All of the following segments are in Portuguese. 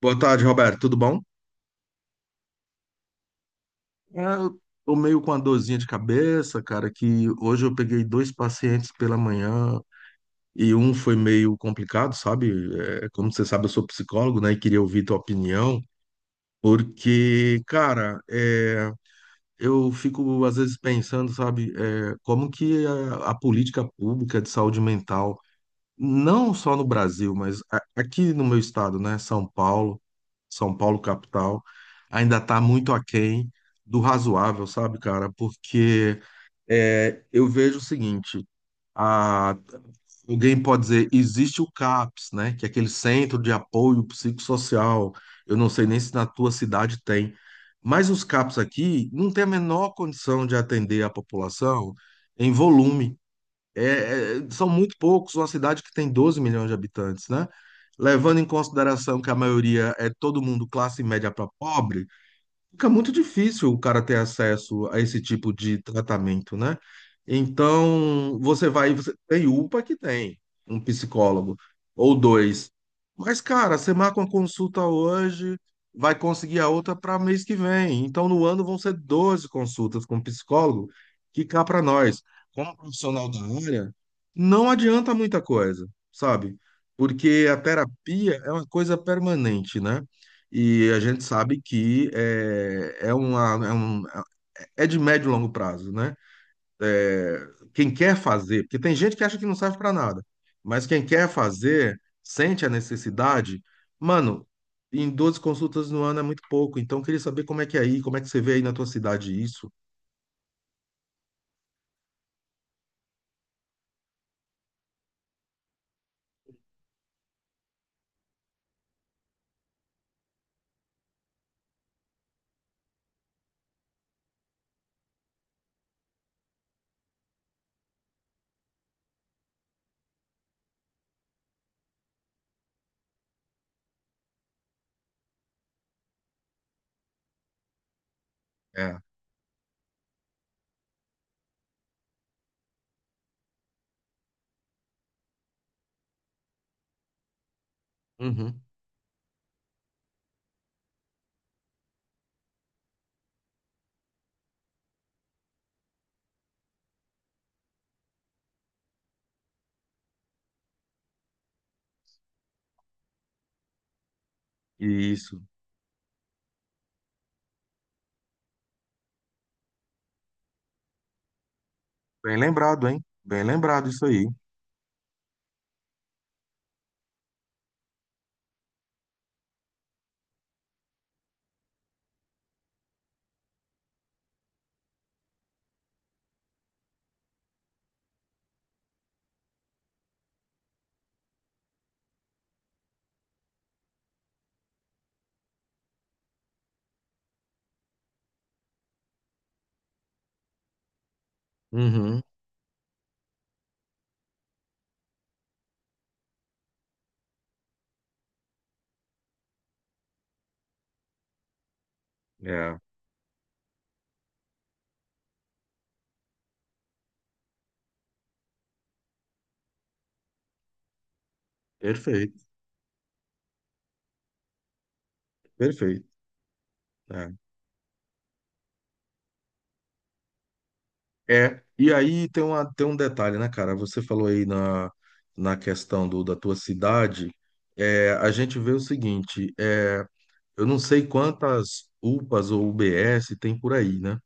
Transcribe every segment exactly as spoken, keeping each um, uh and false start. Boa tarde, Roberto. Tudo bom? É, eu tô meio com uma dorzinha de cabeça, cara, que hoje eu peguei dois pacientes pela manhã e um foi meio complicado, sabe? É, como você sabe, eu sou psicólogo, né? E queria ouvir tua opinião, porque, cara, é, eu fico às vezes pensando, sabe, é, como que a, a política pública de saúde mental não só no Brasil, mas a- aqui no meu estado, né, São Paulo, São Paulo capital, ainda está muito aquém do razoável, sabe, cara? Porque é, eu vejo o seguinte, a- alguém pode dizer, existe o CAPS, né, que é aquele Centro de Apoio Psicossocial, eu não sei nem se na tua cidade tem, mas os CAPS aqui não tem a menor condição de atender a população em volume. É, é, são muito poucos, uma cidade que tem doze milhões de habitantes, né? Levando em consideração que a maioria é todo mundo classe média para pobre, fica muito difícil o cara ter acesso a esse tipo de tratamento, né? Então, você vai, você tem UPA que tem um psicólogo ou dois. Mas, cara, você marca uma consulta hoje, vai conseguir a outra para mês que vem. Então, no ano vão ser doze consultas com um psicólogo, que cá para nós, como profissional da área, não adianta muita coisa, sabe? Porque a terapia é uma coisa permanente, né? E a gente sabe que é, é, uma, é, um, é de médio e longo prazo, né? É, quem quer fazer, porque tem gente que acha que não serve para nada, mas quem quer fazer, sente a necessidade, mano, em doze consultas no ano é muito pouco, então eu queria saber como é que é aí, como é que você vê aí na tua cidade isso. É. Uhum. Isso. Bem lembrado, hein? Bem lembrado isso aí. Uhum. É. Perfeito, perfeito. É. É, e aí tem uma, tem um detalhe, né, cara? Você falou aí na, na questão do, da tua cidade, é, a gente vê o seguinte, é, eu não sei quantas UPAs ou U B S tem por aí, né?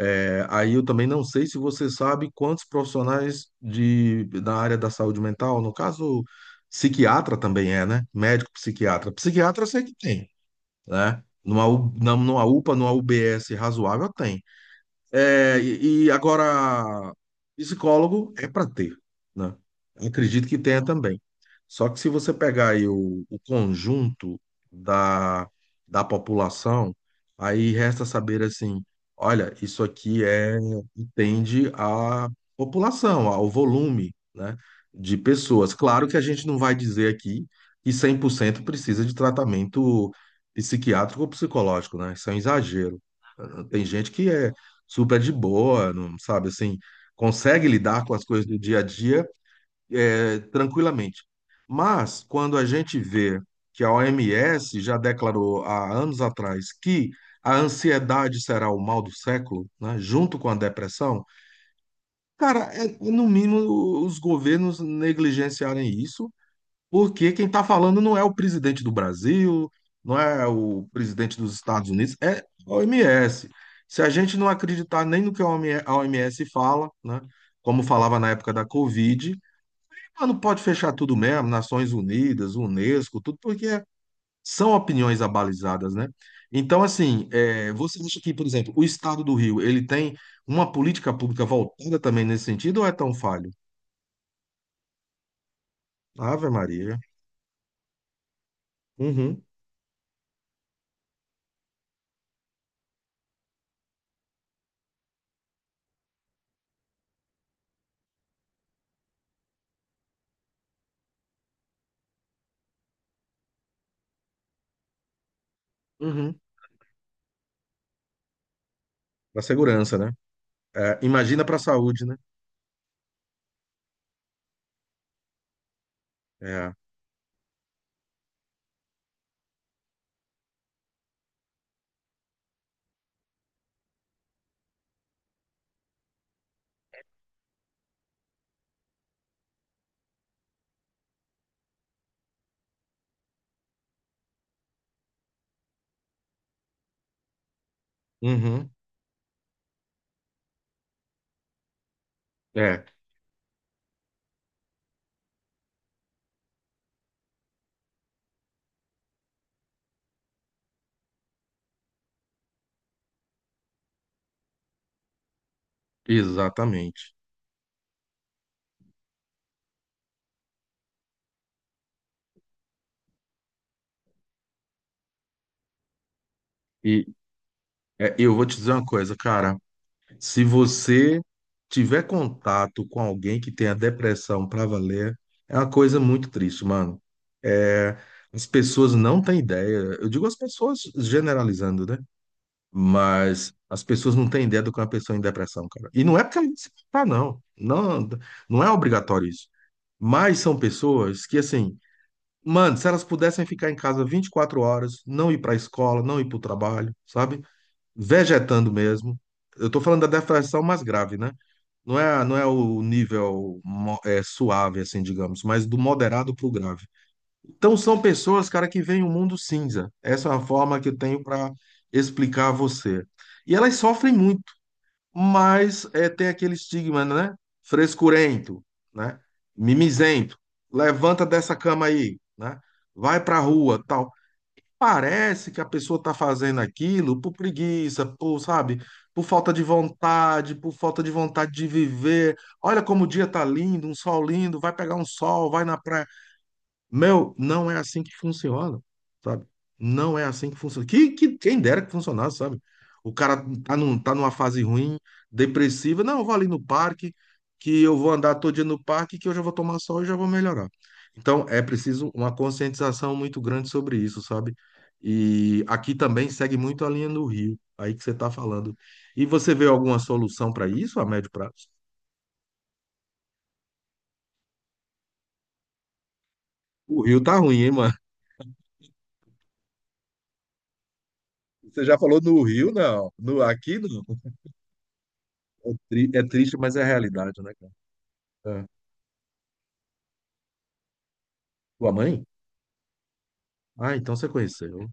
É, aí eu também não sei se você sabe quantos profissionais de, da área da saúde mental, no caso, psiquiatra também é, né? Médico psiquiatra. Psiquiatra eu sei que tem, né? Numa, U- na- numa UPA, numa U B S razoável, tem. É, e, e agora, psicólogo é para ter, né? Acredito que tenha também. Só que se você pegar aí o, o conjunto da, da população, aí resta saber assim, olha, isso aqui é entende a população, ao volume, né, de pessoas. Claro que a gente não vai dizer aqui que cem por cento precisa de tratamento psiquiátrico ou psicológico, né? Isso é um exagero. Tem gente que é super de boa, não sabe assim, consegue lidar com as coisas do dia a dia é, tranquilamente. Mas quando a gente vê que a O M S já declarou há anos atrás que a ansiedade será o mal do século, né, junto com a depressão, cara, é, no mínimo os governos negligenciarem isso porque quem está falando não é o presidente do Brasil, não é o presidente dos Estados Unidos, é a O M S. Se a gente não acreditar nem no que a O M S fala, né, como falava na época da Covid, ah, não pode fechar tudo mesmo, Nações Unidas, Unesco, tudo, porque são opiniões abalizadas, né? Então, assim, é, você acha que, por exemplo, o Estado do Rio, ele tem uma política pública voltada também nesse sentido ou é tão falho? Ave Maria. Uhum, uhum. Da segurança, né? É, imagina para a saúde, né? É. Uhum. É, exatamente. E é, eu vou te dizer uma coisa, cara. Se você tiver contato com alguém que tenha depressão para valer, é uma coisa muito triste, mano. É, as pessoas não têm ideia. Eu digo as pessoas generalizando, né? Mas as pessoas não têm ideia do que é uma pessoa em depressão, cara. E não é porque ela se tá, não. Não, não é obrigatório isso. Mas são pessoas que, assim, mano, se elas pudessem ficar em casa 24 horas, não ir para a escola, não ir para o trabalho, sabe? Vegetando mesmo. Eu tô falando da depressão mais grave, né? Não é, não é o nível mo- é, suave, assim, digamos, mas do moderado para o grave. Então, são pessoas, cara, que veem o mundo cinza. Essa é a forma que eu tenho para explicar a você. E elas sofrem muito, mas é, tem aquele estigma, né? Frescurento, né? Mimizento. Levanta dessa cama aí, né? Vai pra rua, tal. Parece que a pessoa tá fazendo aquilo por preguiça, por, sabe? Por falta de vontade, por falta de vontade de viver. Olha como o dia tá lindo, um sol lindo, vai pegar um sol, vai na praia, meu, não é assim que funciona, sabe? Não é assim que funciona. Que, que quem dera que funcionasse, sabe? O cara tá, num, tá numa fase ruim, depressiva. Não, eu vou ali no parque, que eu vou andar todo dia no parque, que eu já vou tomar sol e já vou melhorar. Então, é preciso uma conscientização muito grande sobre isso, sabe? E aqui também segue muito a linha do Rio, aí que você tá falando. E você vê alguma solução para isso a médio prazo? O Rio tá ruim, hein, mano? Você já falou no Rio, não. No, aqui, não. É, tri- é triste, mas é a realidade, né, cara? É. Tua mãe? Ah, então você conheceu.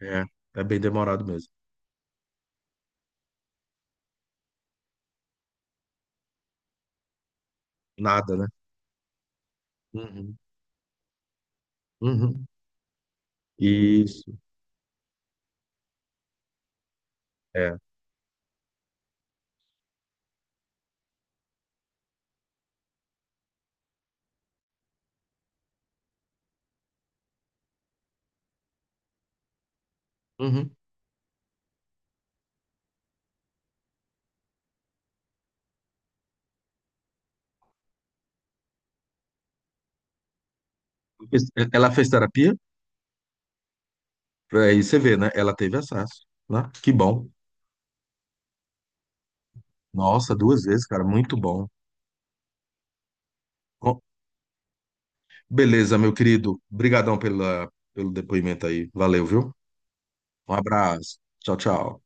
É, é bem demorado mesmo. Nada, né? Uhum. Uhum. Isso, é. Uhum. Fez- Ela fez terapia? Aí você vê, né? Ela teve acesso, né? Que bom. Nossa, duas vezes, cara, muito bom. Bom, beleza, meu querido. Obrigadão pela, pelo depoimento aí. Valeu, viu? Um abraço. Tchau, tchau.